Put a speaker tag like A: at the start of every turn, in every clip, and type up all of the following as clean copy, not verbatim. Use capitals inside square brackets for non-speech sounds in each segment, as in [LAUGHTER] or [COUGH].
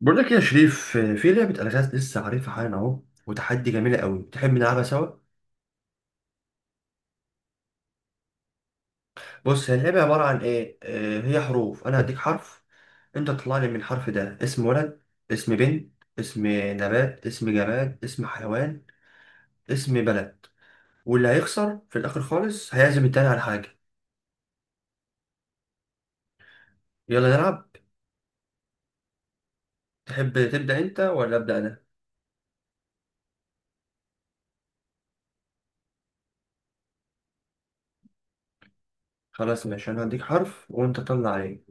A: بقول لك يا شريف في لعبة ألغاز لسه عارفها حالا أهو وتحدي جميلة قوي، تحب نلعبها سوا؟ بص، هي اللعبة عبارة عن إيه؟ هي حروف. أنا هديك حرف، أنت تطلع لي من الحرف ده اسم ولد، اسم بنت، اسم نبات، اسم جماد، اسم حيوان، اسم بلد. واللي هيخسر في الآخر خالص هيعزم التاني على حاجة. يلا نلعب. تحب تبدأ أنت ولا أبدأ أنا؟ خلاص ماشي، أنا هديك حرف وأنت طلع عليه.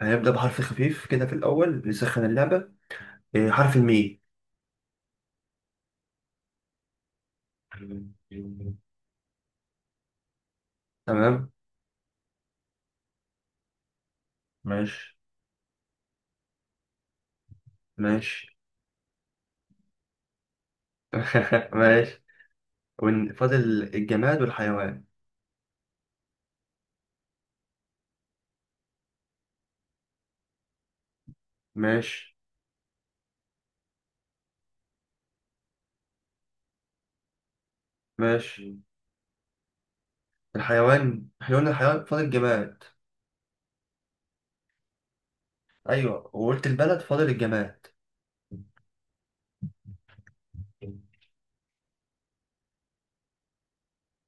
A: هنبدأ بحرف خفيف كده في الأول نسخن اللعبة. حرف الميم. تمام. ماشي. ماشي. [LAUGHS] ماشي. فاضل الجماد والحيوان. ماشي. ماشي. الحيوان، احنا قلنا الحيوان، فاضل الجماد. ايوه، وقلت البلد، فاضل الجماد.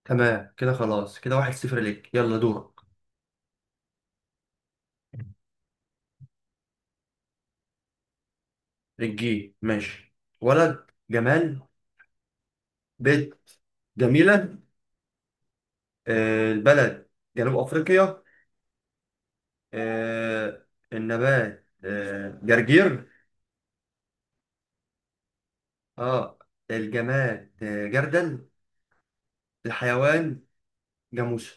A: تمام كده. خلاص كده واحد صفر ليك، يلا دورك. الجي ماشي. ولد جمال، بيت جميلة. البلد جنوب أفريقيا. آه. النبات جرجير. اه. الجماد جردل. الحيوان جاموسة.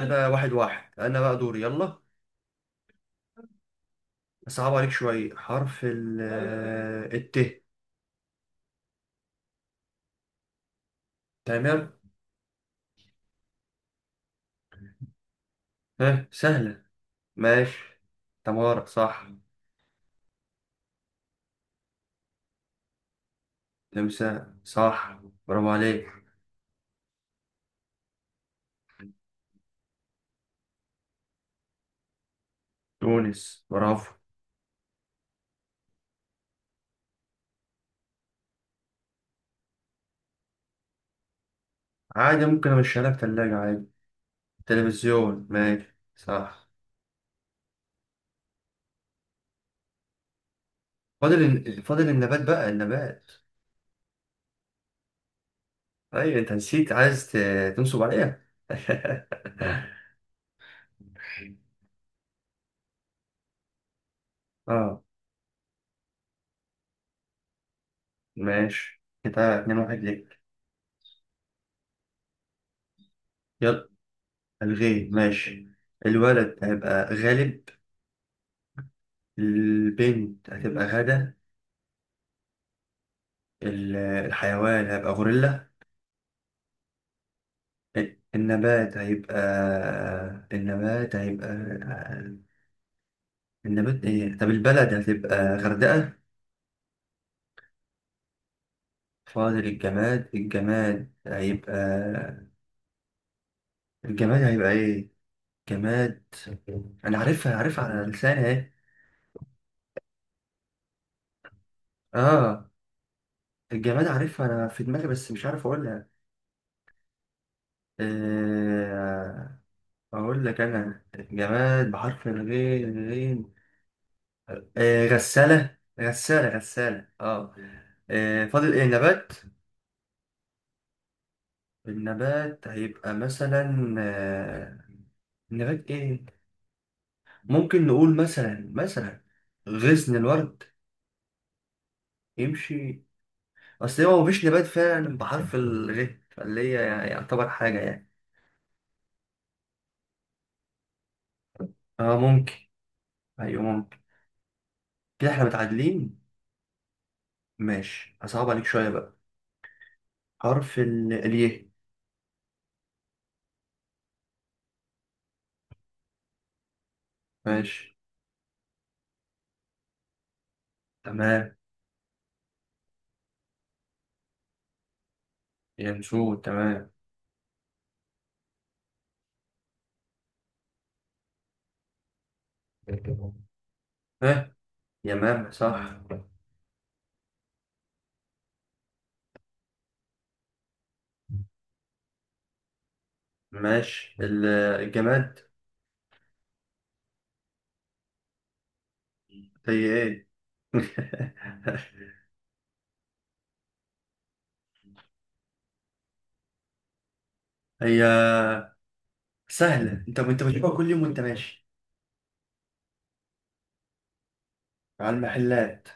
A: كده واحد واحد. أنا بقى دوري، يلا. أصعب عليك شوية. حرف ال الت. تمام. ها سهلة. ماشي. تمارة صح. تمساح صح. برافو عليك. تونس برافو. عادي، ممكن أمشيها لك تلاجة عادي. تلفزيون ماشي صح. فاضل فاضل النبات بقى. النبات، أي أنت نسيت، عايز تنصب عليا. [LAUGHS] اه ماشي. كده اتنين واحد ليك. يلا. الغيب ماشي. الولد هيبقى غالب. البنت هتبقى غدا. الحيوان هيبقى غوريلا. النبات هيبقى النبات هيبقى النبات ايه؟ طب البلد هتبقى غردقة. فاضل الجماد. الجماد هيبقى، الجماد هيبقى ايه؟ جماد. انا عارفها، عارفها على لساني اهي. اه. الجماد عارفها انا في دماغي بس مش عارف اقولها. آه... أقول لك أنا جماد بحرف الغين غين. غسالة غسالة غسالة أه. فاضل إيه، نبات. النبات هيبقى مثلا نبات إيه؟ ممكن نقول مثلا غصن الورد. يمشي. أصل هو مفيش نبات فعلا بحرف الغ فاللي هي يعتبر حاجة يعني. أه ممكن. أيوه ممكن. كده إحنا متعادلين. ماشي، هصعب عليك شوية بقى. حرف ال اليه. ماشي. تمام. ينسوه تمام. [LAUGHS] ها. يمام صح. ماشي. الجماد. هي ايه؟ [LAUGHS] هي سهلة، انت بتجيبها كل يوم وانت ماشي على المحلات.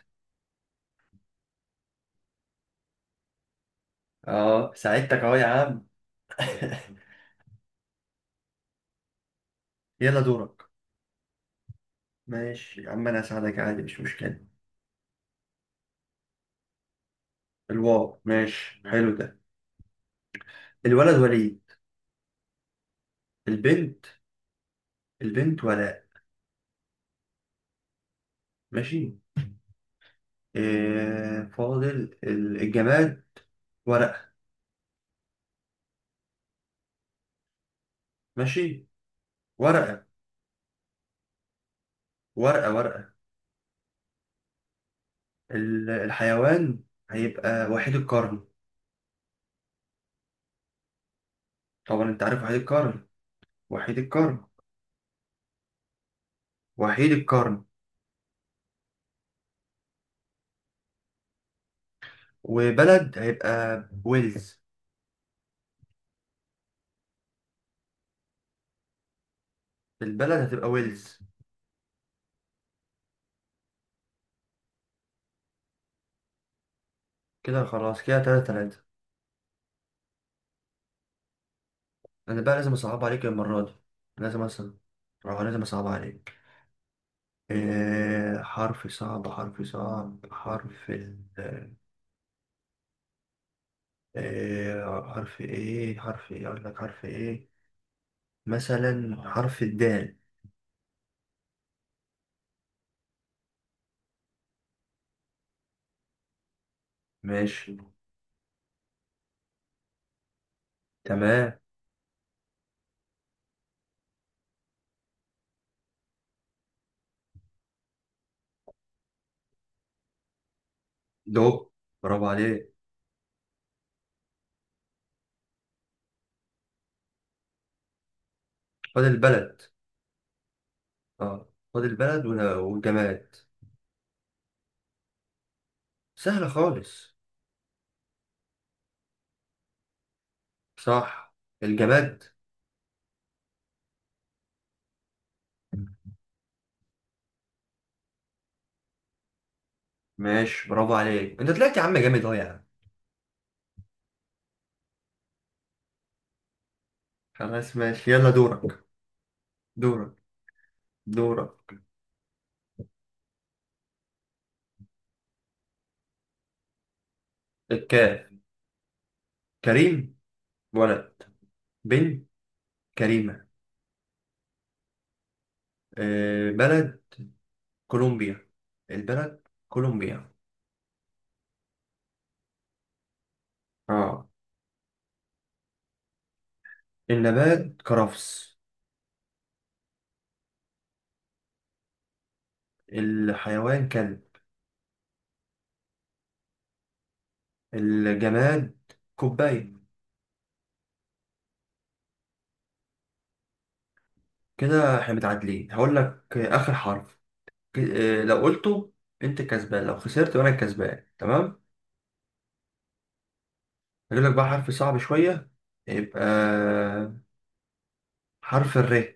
A: اه ساعدتك اهو يا عم. [LAUGHS] يلا دورك. ماشي يا عم، انا هساعدك عادي مش مشكلة. الواو ماشي، حلو ده. الولد وليد. البنت. البنت ولاء. ماشي. إيه فاضل؟ الجماد. ورقة. ماشي. ورقة ورقة ورقة. الحيوان هيبقى وحيد القرن. طبعا انت عارف وحيد القرن. وحيد القرن. وحيد القرن. وبلد هيبقى ويلز. البلد هتبقى ويلز. كده خلاص، كده تلاتة تلاتة. انا بقى لازم اصعب عليك المرة دي. لازم اصعب. اه لازم اصعب عليك. إيه حرف صعب؟ حرف صعب؟ حرف ال، إيه حرف؟ ايه حرف؟ ايه اقول لك حرف ايه؟ مثلا حرف الدال. ماشي. تمام. دو. برافو عليك. خد البلد. اه خد البلد والجماد. سهلة خالص. صح. الجماد. ماشي، برافو عليك. انت طلعت يا عم جامد اهو يا عم. خلاص ماشي، يلا دورك. دورك. دورك. الكاف. كريم ولد. بنت كريمة. بلد كولومبيا. البلد كولومبيا. اه. النبات كرفس. الحيوان كلب. الجماد كوباية. كده احنا متعادلين. هقول لك آخر حرف. لو قلته انت كسبان، لو خسرت وانا كسبان تمام. هجيب لك بقى حرف صعب شوية. يبقى حرف الر.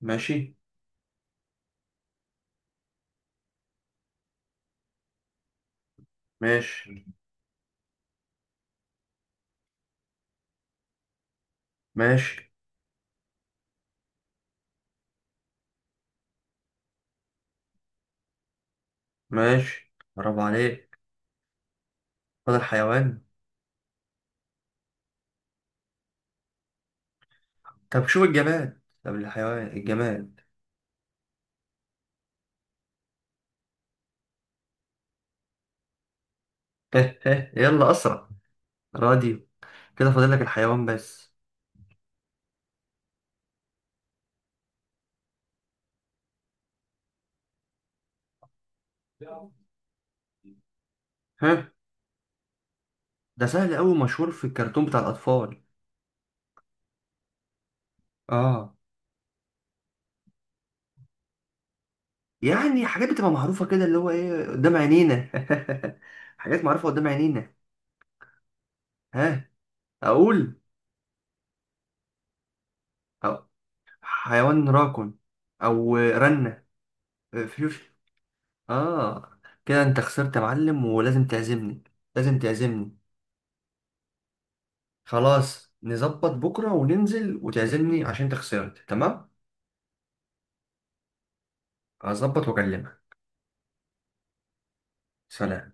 A: ماشي. ماشي. ماشي. ماشي، برافو عليك. فاضل حيوان. طب شوف الجماد. طب الحيوان الجماد. [LAUGHS] هه هه، يلا اسرع. راديو. كده فاضل لك الحيوان بس. ها. ده سهل قوي، مشهور في الكرتون بتاع الاطفال. اه. يعني حاجات بتبقى معروفة كده، اللي هو ايه، قدام عينينا. [LAUGHS] حاجات معروفة قدام عينينا. ها. اقول؟ أو حيوان راكن او رنة. فيوش. اه. كده انت خسرت يا معلم، ولازم تعزمني. لازم تعزمني. خلاص نظبط بكرة وننزل وتعزمني عشان انت خسرت تمام. هظبط واكلمك. سلام.